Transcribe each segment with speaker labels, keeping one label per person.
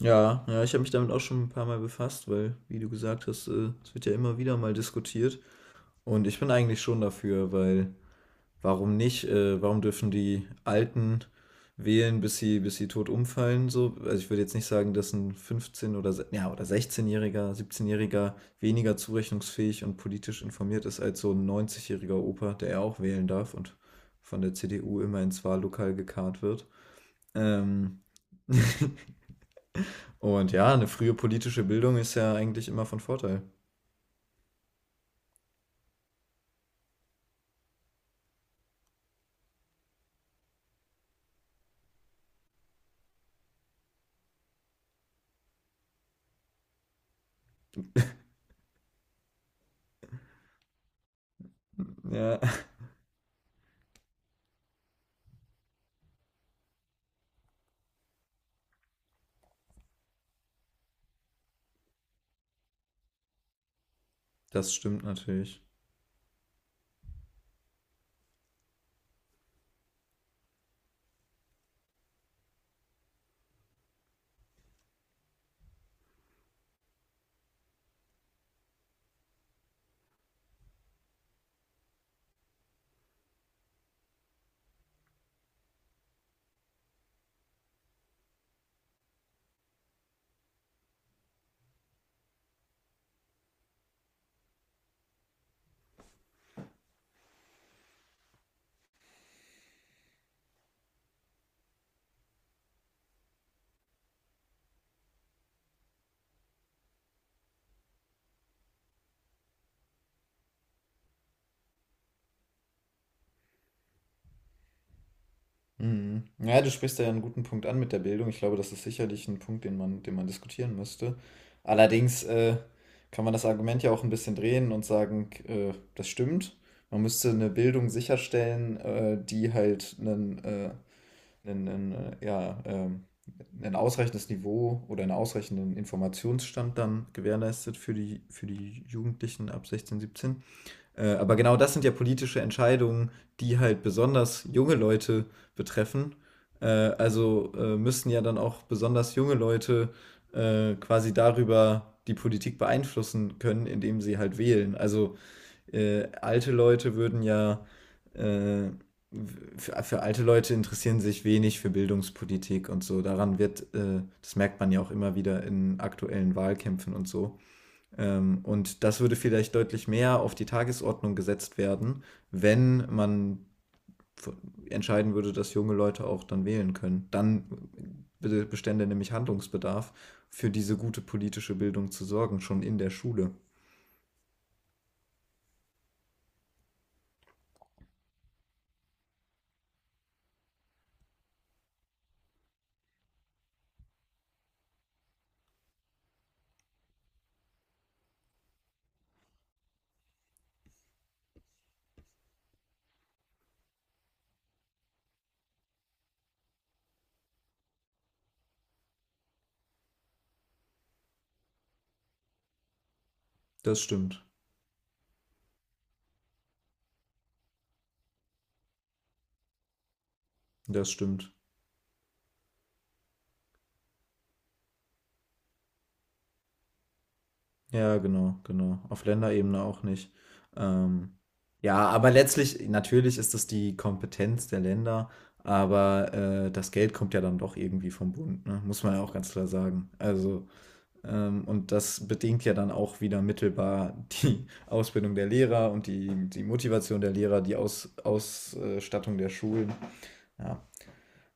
Speaker 1: Ja, ja, ich habe mich damit auch schon ein paar Mal befasst, weil, wie du gesagt hast, es wird ja immer wieder mal diskutiert. Und ich bin eigentlich schon dafür, weil warum nicht? Warum dürfen die Alten wählen, bis sie tot umfallen? So? Also ich würde jetzt nicht sagen, dass ein 15- oder 16-Jähriger, 17-Jähriger weniger zurechnungsfähig und politisch informiert ist als so ein 90-jähriger Opa, der ja auch wählen darf und von der CDU immer ins Wahllokal gekarrt wird. Ähm, Und ja, eine frühe politische Bildung ist ja eigentlich immer von Vorteil. Ja, das stimmt natürlich. Mhm. Ja, du sprichst da ja einen guten Punkt an mit der Bildung. Ich glaube, das ist sicherlich ein Punkt, den man diskutieren müsste. Allerdings, kann man das Argument ja auch ein bisschen drehen und sagen, das stimmt. Man müsste eine Bildung sicherstellen, die halt ein ein ausreichendes Niveau oder einen ausreichenden Informationsstand dann gewährleistet für die Jugendlichen ab 16, 17. Aber genau das sind ja politische Entscheidungen, die halt besonders junge Leute betreffen. Also müssen ja dann auch besonders junge Leute quasi darüber die Politik beeinflussen können, indem sie halt wählen. Also alte Leute würden ja, äh, für alte Leute interessieren sich wenig für Bildungspolitik und so. Daran wird, das merkt man ja auch immer wieder in aktuellen Wahlkämpfen und so. Und das würde vielleicht deutlich mehr auf die Tagesordnung gesetzt werden, wenn man f- entscheiden würde, dass junge Leute auch dann wählen können. Dann bestände nämlich Handlungsbedarf, für diese gute politische Bildung zu sorgen, schon in der Schule. Das stimmt. Das stimmt. Ja, genau, genau. Auf Länderebene auch nicht. Ähm, ja, aber letztlich, natürlich ist das die Kompetenz der Länder, aber das Geld kommt ja dann doch irgendwie vom Bund, ne? Muss man ja auch ganz klar sagen. Also, und das bedingt ja dann auch wieder mittelbar die Ausbildung der Lehrer und die Motivation der Lehrer, die Ausstattung der Schulen. Ja,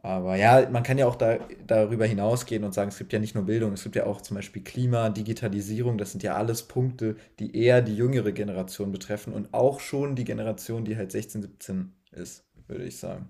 Speaker 1: aber ja, man kann ja auch darüber hinausgehen und sagen, es gibt ja nicht nur Bildung, es gibt ja auch zum Beispiel Klima, Digitalisierung, das sind ja alles Punkte, die eher die jüngere Generation betreffen und auch schon die Generation, die halt 16, 17 ist, würde ich sagen.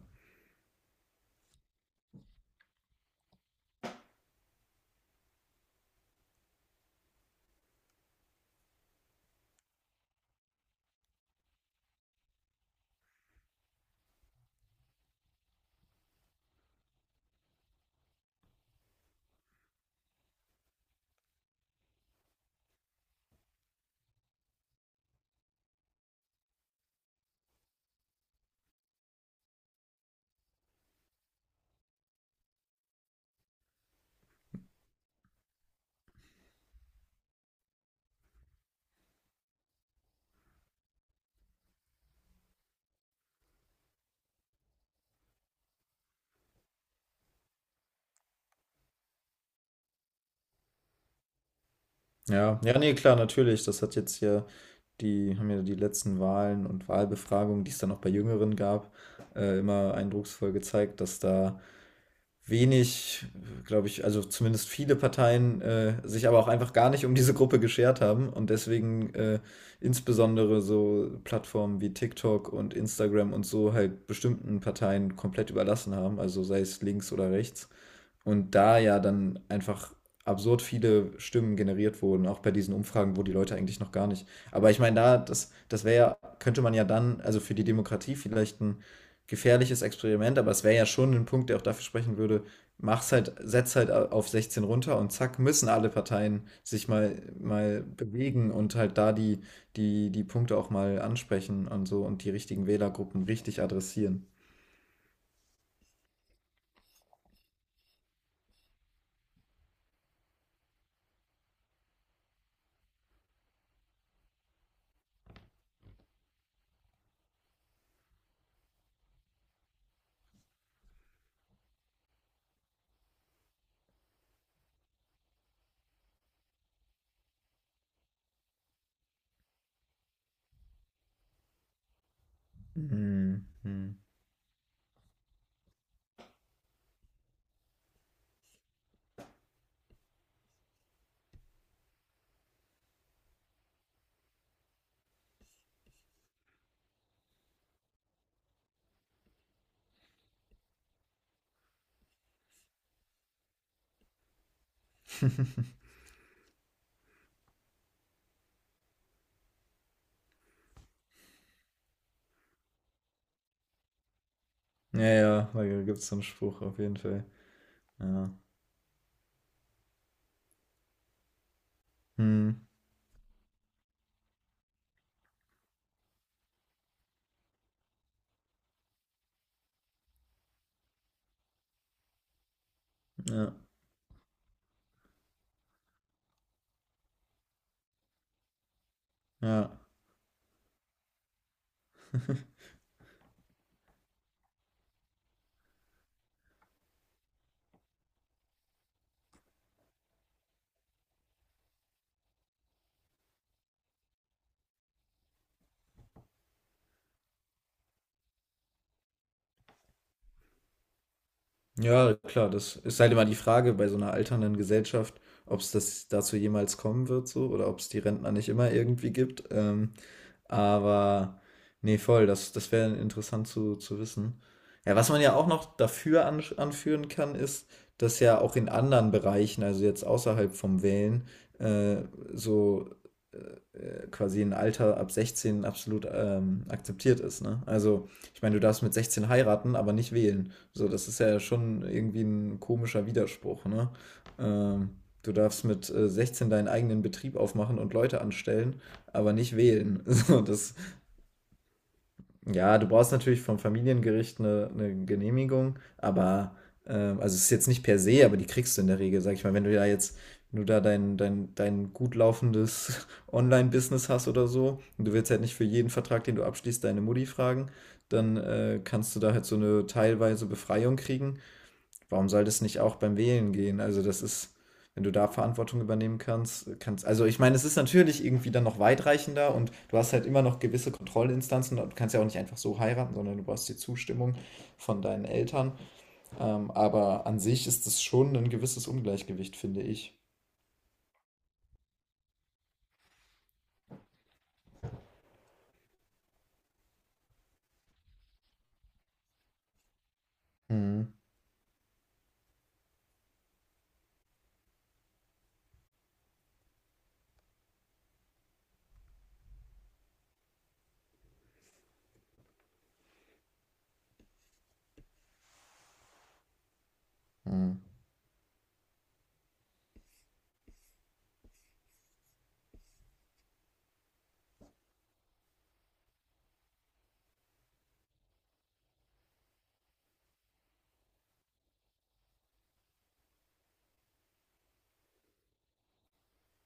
Speaker 1: Ja, ja, nee, klar, natürlich. Das hat jetzt hier haben ja die letzten Wahlen und Wahlbefragungen, die es dann auch bei Jüngeren gab, immer eindrucksvoll gezeigt, dass da wenig, glaube ich, also zumindest viele Parteien sich aber auch einfach gar nicht um diese Gruppe geschert haben und deswegen insbesondere so Plattformen wie TikTok und Instagram und so halt bestimmten Parteien komplett überlassen haben, also sei es links oder rechts. Und da ja dann einfach absurd viele Stimmen generiert wurden, auch bei diesen Umfragen, wo die Leute eigentlich noch gar nicht. Aber ich meine, das wäre ja, könnte man ja dann, also für die Demokratie vielleicht ein gefährliches Experiment, aber es wäre ja schon ein Punkt, der auch dafür sprechen würde, mach's halt, setz halt auf 16 runter und zack, müssen alle Parteien sich mal bewegen und halt da die Punkte auch mal ansprechen und so und die richtigen Wählergruppen richtig adressieren. Mhm. Mhm. Ja, ja, da gibt's so 'n Spruch auf jeden Fall. Ja. Mhm. Ja, ja. Ja, klar, das ist halt immer die Frage bei so einer alternden Gesellschaft, ob es das dazu jemals kommen wird so oder ob es die Rentner nicht immer irgendwie gibt. Aber ne, voll, das wäre interessant zu wissen. Ja, was man ja auch noch dafür ansch anführen kann, ist, dass ja auch in anderen Bereichen, also jetzt außerhalb vom Wählen, äh, so quasi ein Alter ab 16 absolut akzeptiert ist. Ne? Also, ich meine, du darfst mit 16 heiraten, aber nicht wählen. So, das ist ja schon irgendwie ein komischer Widerspruch. Ne? Ähm, Du darfst mit 16 deinen eigenen Betrieb aufmachen und Leute anstellen, aber nicht wählen. So, das ja, du brauchst natürlich vom Familiengericht eine Genehmigung, aber also es ist jetzt nicht per se, aber die kriegst du in der Regel, sag ich mal, wenn du da jetzt, wenn du da dein gut laufendes Online-Business hast oder so, und du willst halt nicht für jeden Vertrag, den du abschließt, deine Mutti fragen, dann kannst du da halt so eine teilweise Befreiung kriegen. Warum soll das nicht auch beim Wählen gehen? Also, das ist, wenn du da Verantwortung übernehmen kannst, also ich meine, es ist natürlich irgendwie dann noch weitreichender und du hast halt immer noch gewisse Kontrollinstanzen und du kannst ja auch nicht einfach so heiraten, sondern du brauchst die Zustimmung von deinen Eltern. Aber an sich ist das schon ein gewisses Ungleichgewicht, finde ich. Mhm. Mhm.